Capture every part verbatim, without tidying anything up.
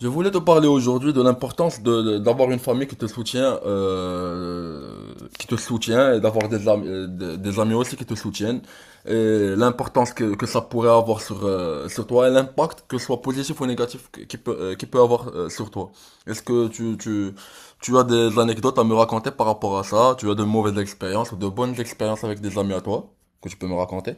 Je voulais te parler aujourd'hui de l'importance de, de- d'avoir une famille qui te soutient, euh, qui te soutient et d'avoir des amis, euh, des, des amis aussi qui te soutiennent et l'importance que, que ça pourrait avoir sur, euh, sur toi et l'impact que ce soit positif ou négatif qui qui peut, euh, qui peut avoir euh, sur toi. Est-ce que tu, tu, tu as des anecdotes à me raconter par rapport à ça? Tu as de mauvaises expériences ou de bonnes expériences avec des amis à toi que tu peux me raconter?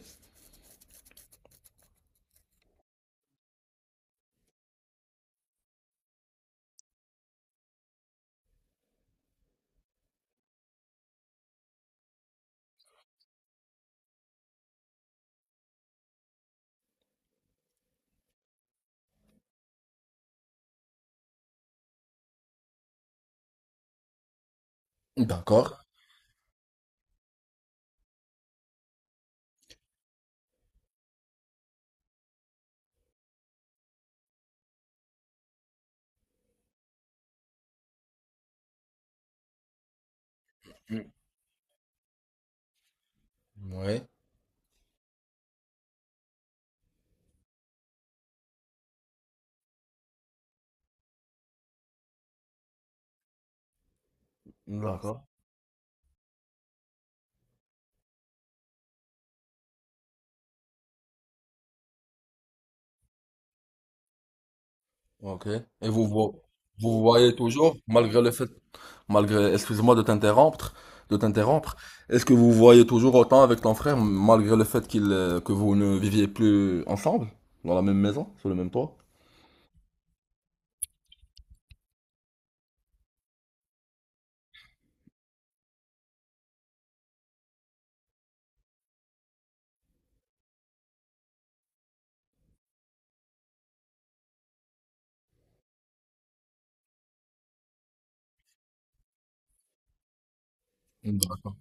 D'accord. Mm. Ouais. D'accord. Ok. Et vous vo- vous, vous voyez toujours, malgré le fait, malgré, excuse-moi de t'interrompre, de t'interrompre, est-ce que vous vous voyez toujours autant avec ton frère, malgré le fait qu'il, euh, que vous ne viviez plus ensemble, dans la même maison, sur le même toit? D'accord.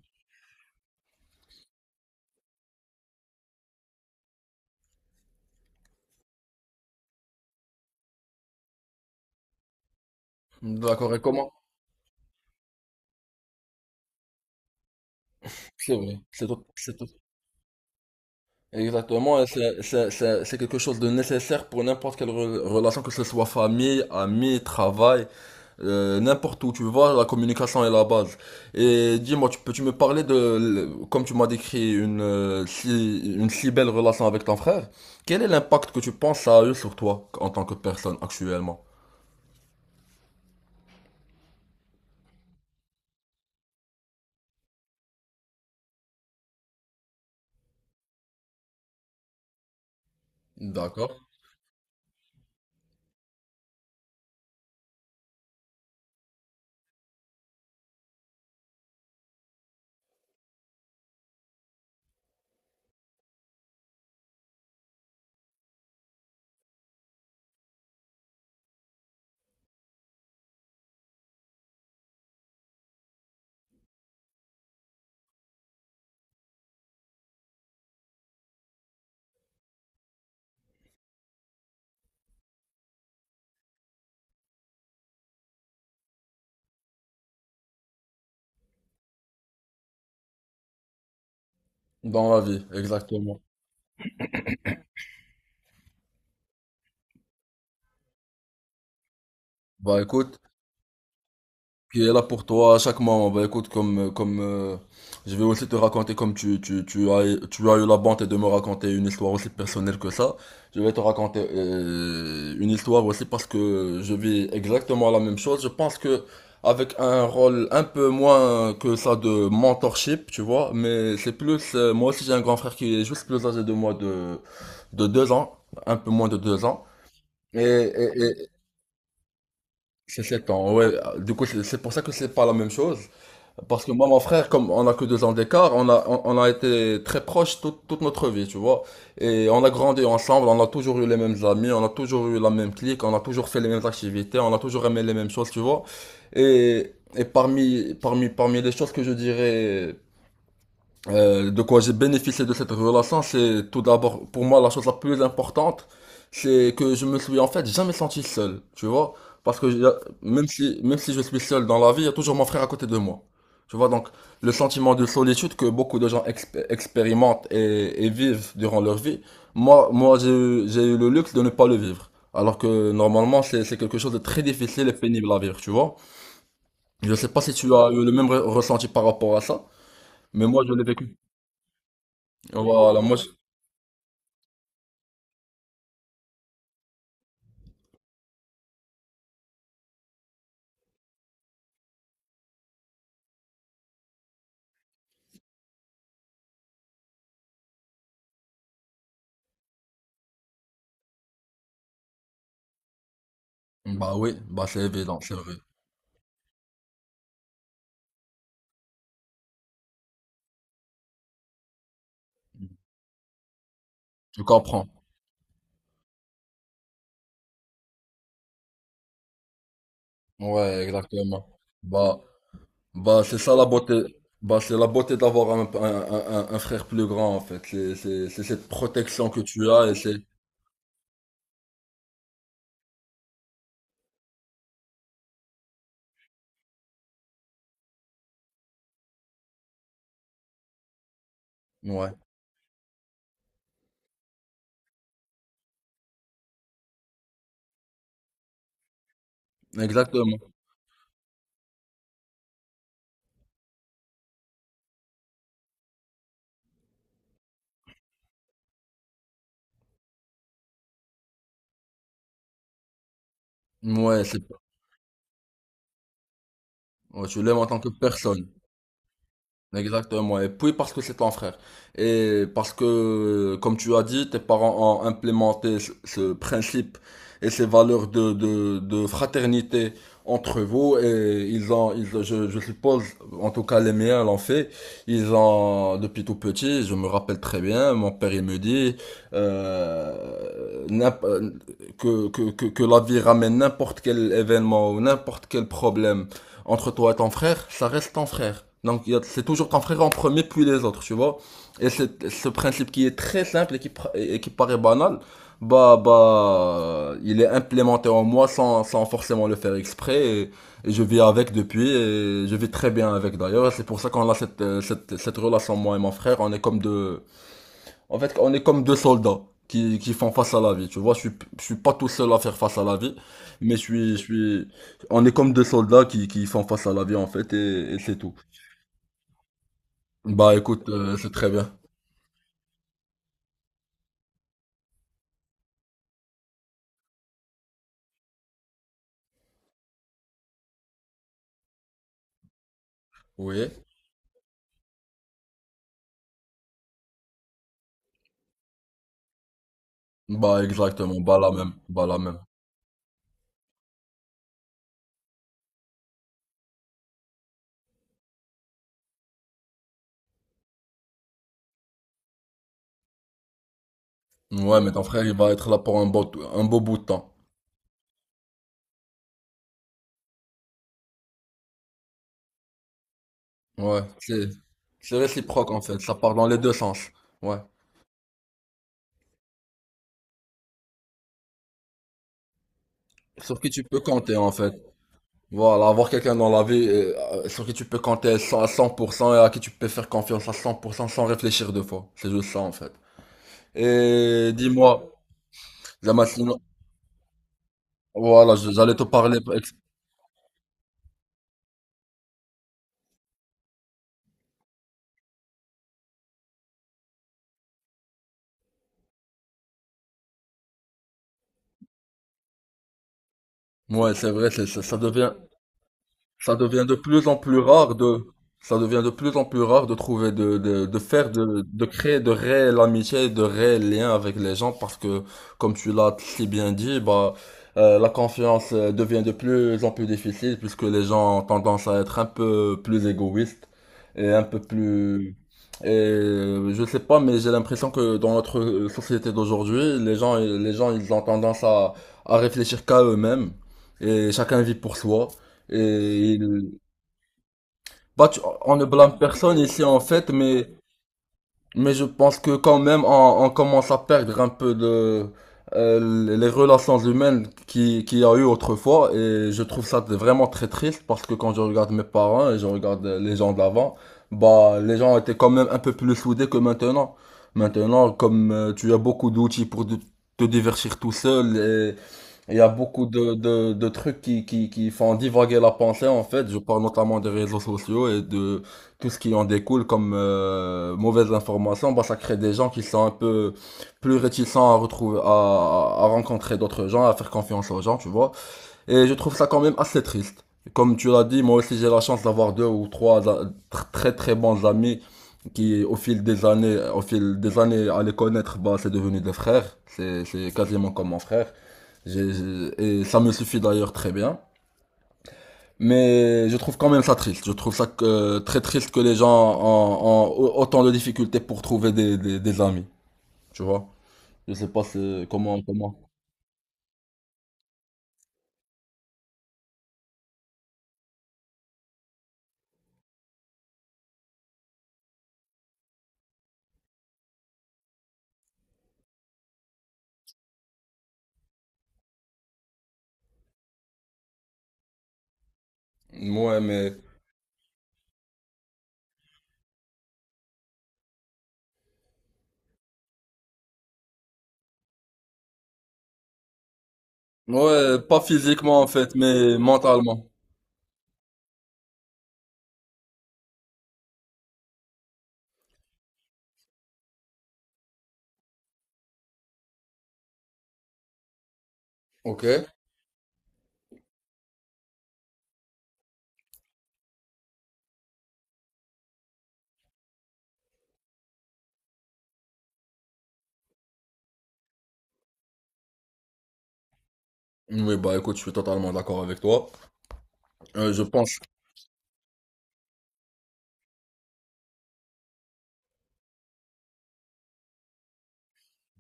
D'accord, et comment? C'est vrai, c'est tout, c'est tout. Exactement, et c'est c'est- c'est- c'est quelque chose de nécessaire pour n'importe quelle re- relation, que ce soit famille, amis, travail. Euh, n'importe où, tu vois, la communication est la base. Et dis-moi, tu peux-tu me parler de, comme tu m'as décrit une, euh, si, une si belle relation avec ton frère, quel est l'impact que tu penses ça a eu sur toi en tant que personne actuellement? D'accord. Dans la vie, exactement. Bah écoute, qui est là pour toi à chaque moment. Bah écoute, comme, euh, comme euh, je vais aussi te raconter, comme tu, tu, tu, as, tu as eu la bonté de me raconter une histoire aussi personnelle que ça, je vais te raconter euh, une histoire aussi parce que je vis exactement la même chose. Je pense que avec un rôle un peu moins que ça de mentorship, tu vois, mais c'est plus, euh, moi aussi j'ai un grand frère qui est juste plus âgé de moi de, de deux ans, un peu moins de deux ans. Et, et, et c'est sept ans, ouais. Du coup, c'est c'est pour ça que c'est pas la même chose. Parce que moi, mon frère, comme on a que deux ans d'écart, on a, on, on a été très proches toute, toute notre vie, tu vois. Et on a grandi ensemble, on a toujours eu les mêmes amis, on a toujours eu la même clique, on a toujours fait les mêmes activités, on a toujours aimé les mêmes choses, tu vois. Et, et parmi, parmi, parmi les choses que je dirais euh, de quoi j'ai bénéficié de cette relation, c'est tout d'abord pour moi la chose la plus importante, c'est que je me suis en fait jamais senti seul, tu vois, parce que j'ai- même si même si je suis seul dans la vie, il y a toujours mon frère à côté de moi, tu vois, donc le sentiment de solitude que beaucoup de gens exp- expérimentent et, et vivent durant leur vie, moi moi j'ai eu j'ai eu le luxe de ne pas le vivre, alors que normalement c'est c'est quelque chose de très difficile et pénible à vivre, tu vois. Je sais pas si tu as eu le même re- ressenti par rapport à ça, mais moi je l'ai vécu. Voilà. moi Bah oui, bah c'est évident, c'est vrai. Je comprends. Ouais, exactement. Bah, bah c'est ça la beauté. Bah c'est la beauté d'avoir un, un, un- un- frère plus grand en fait. C'est, c'est, c'est cette protection que tu as. Et c'est. Ouais, exactement. Ouais, c'est. Ouais, tu l'aimes en tant que personne. Exactement, et puis parce que c'est ton frère. Et parce que, comme tu as dit, tes parents ont implémenté ce, ce principe et ces valeurs de, de, de fraternité entre vous, et ils ont, ils, je, je suppose, en tout cas les miens l'ont fait, ils ont, depuis tout petit, je me rappelle très bien, mon père il me dit euh, n'imp- que, que, que, que la vie ramène n'importe quel événement ou n'importe quel problème entre toi et ton frère, ça reste ton frère. Donc c'est toujours ton frère en premier puis les autres, tu vois. Et ce principe qui est très simple et qui, et qui paraît banal, bah bah il est implémenté en moi sans, sans forcément le faire exprès et, et je vis avec depuis et je vis très bien avec d'ailleurs. C'est pour ça qu'on a cette, euh, cette cette relation moi et mon frère, on est comme deux en fait, on est comme deux soldats qui, qui font face à la vie. Tu vois, je suis, je suis pas tout seul à faire face à la vie, mais je suis, je suis, on est comme deux soldats qui, qui font face à la vie, en fait, et, et c'est tout. Bah, écoute, euh, c'est très bien. Oui. Bah, exactement. Bah, la même. Bah, la même. Ouais, mais ton frère, il va être là pour un beau, un beau bout de temps. Ouais. C'est, c'est réciproque, en fait. Ça part dans les deux sens. Ouais. Sur qui tu peux compter, en fait. Voilà, avoir quelqu'un dans la vie euh, sur qui tu peux compter à cent à cent pour cent et à qui tu peux faire confiance à cent pour cent sans réfléchir deux fois. C'est juste ça en fait. Et dis-moi, Zama, sinon- voilà, je- j'allais te parler. ex- Ouais, c'est vrai, c'est, c'est- ça devient ça devient de plus en plus rare de, ça devient de plus en plus rare de trouver, de, de, de faire, de, de créer de réelles amitiés, de réels liens avec les gens parce que, comme tu l'as si bien dit, bah, euh, la confiance euh, devient de plus en plus difficile puisque les gens ont tendance à être un peu plus égoïstes et un peu plus, et euh, je sais pas, mais j'ai l'impression que dans notre euh, société d'aujourd'hui, les gens, les gens, ils ont tendance à, à réfléchir qu'à eux-mêmes et chacun vit pour soi. Et il- bah, tu- on ne blâme personne ici en fait, mais, mais je pense que quand même on, on commence à perdre un peu de euh, les relations humaines qui, qu'il y a eu autrefois et je trouve ça vraiment très triste parce que quand je regarde mes parents et je regarde les gens d'avant, bah les gens étaient quand même un peu plus soudés que maintenant. Maintenant, comme euh, tu as beaucoup d'outils pour de- te divertir tout seul. Il y a beaucoup de, de, de trucs qui, qui, qui font divaguer la pensée, en fait. Je parle notamment des réseaux sociaux et de tout ce qui en découle comme euh, mauvaise information. Bah, ça crée des gens qui sont un peu plus réticents à retrouver, à, à rencontrer d'autres gens, à faire confiance aux gens, tu vois. Et je trouve ça quand même assez triste. Comme tu l'as dit, moi aussi j'ai la chance d'avoir deux ou trois très très bons amis qui au fil des années, au fil des années à les connaître, bah c'est devenu des frères. C'est c'est quasiment comme mon frère. J'ai- j'ai- et ça me suffit d'ailleurs très bien. Mais je trouve quand même ça triste. Je trouve ça que- très triste que les gens ont, ont autant de difficultés pour trouver des, des, des amis. Tu vois? Je sais pas c'est- comment comment. Ouais mais ouais, pas physiquement en fait, mais mentalement. Ok. Oui, bah écoute, je suis totalement d'accord avec toi. Euh, je pense,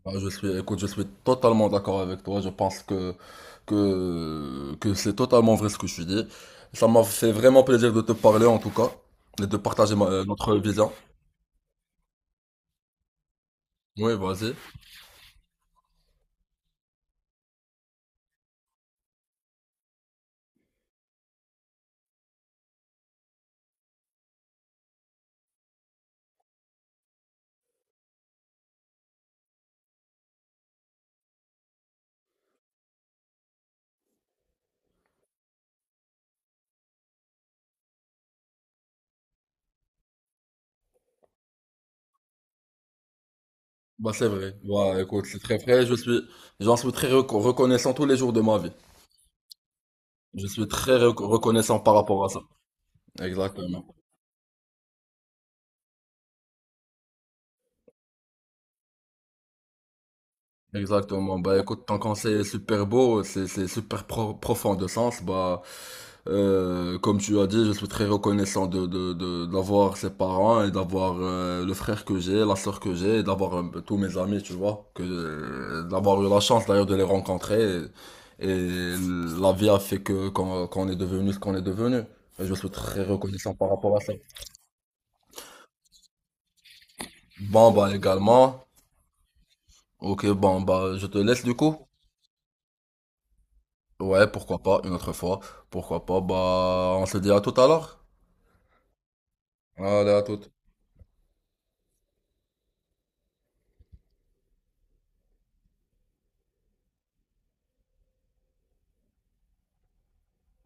bah, je suis, Écoute, je suis totalement d'accord avec toi. Je pense que, que, que c'est totalement vrai ce que tu dis. Ça m'a fait vraiment plaisir de te parler en tout cas, et de partager ma- euh, notre vision. Oui, vas-y. Bah c'est vrai. Bah écoute, c'est très vrai. Je suis, j'en suis très reco- reconnaissant tous les jours de ma vie. Je suis très reco- reconnaissant par rapport à ça. Exactement. Exactement. Bah écoute, ton conseil est super beau, c'est c'est super pro- profond de sens. Bah, euh, comme tu as dit, je suis très reconnaissant de de de- d'avoir ses parents et d'avoir euh, le frère que j'ai, la sœur que j'ai, et d'avoir euh, tous mes amis, tu vois, que euh, d'avoir eu la chance d'ailleurs de les rencontrer. Et, et la vie a fait que qu'on qu'on est devenu ce qu'on est devenu. Et je suis très reconnaissant par rapport à ça. Bon bah également. Ok, bon bah je te laisse du coup. Ouais, pourquoi pas, une autre fois. Pourquoi pas, bah, on se dit à tout à l'heure. Allez, à tout.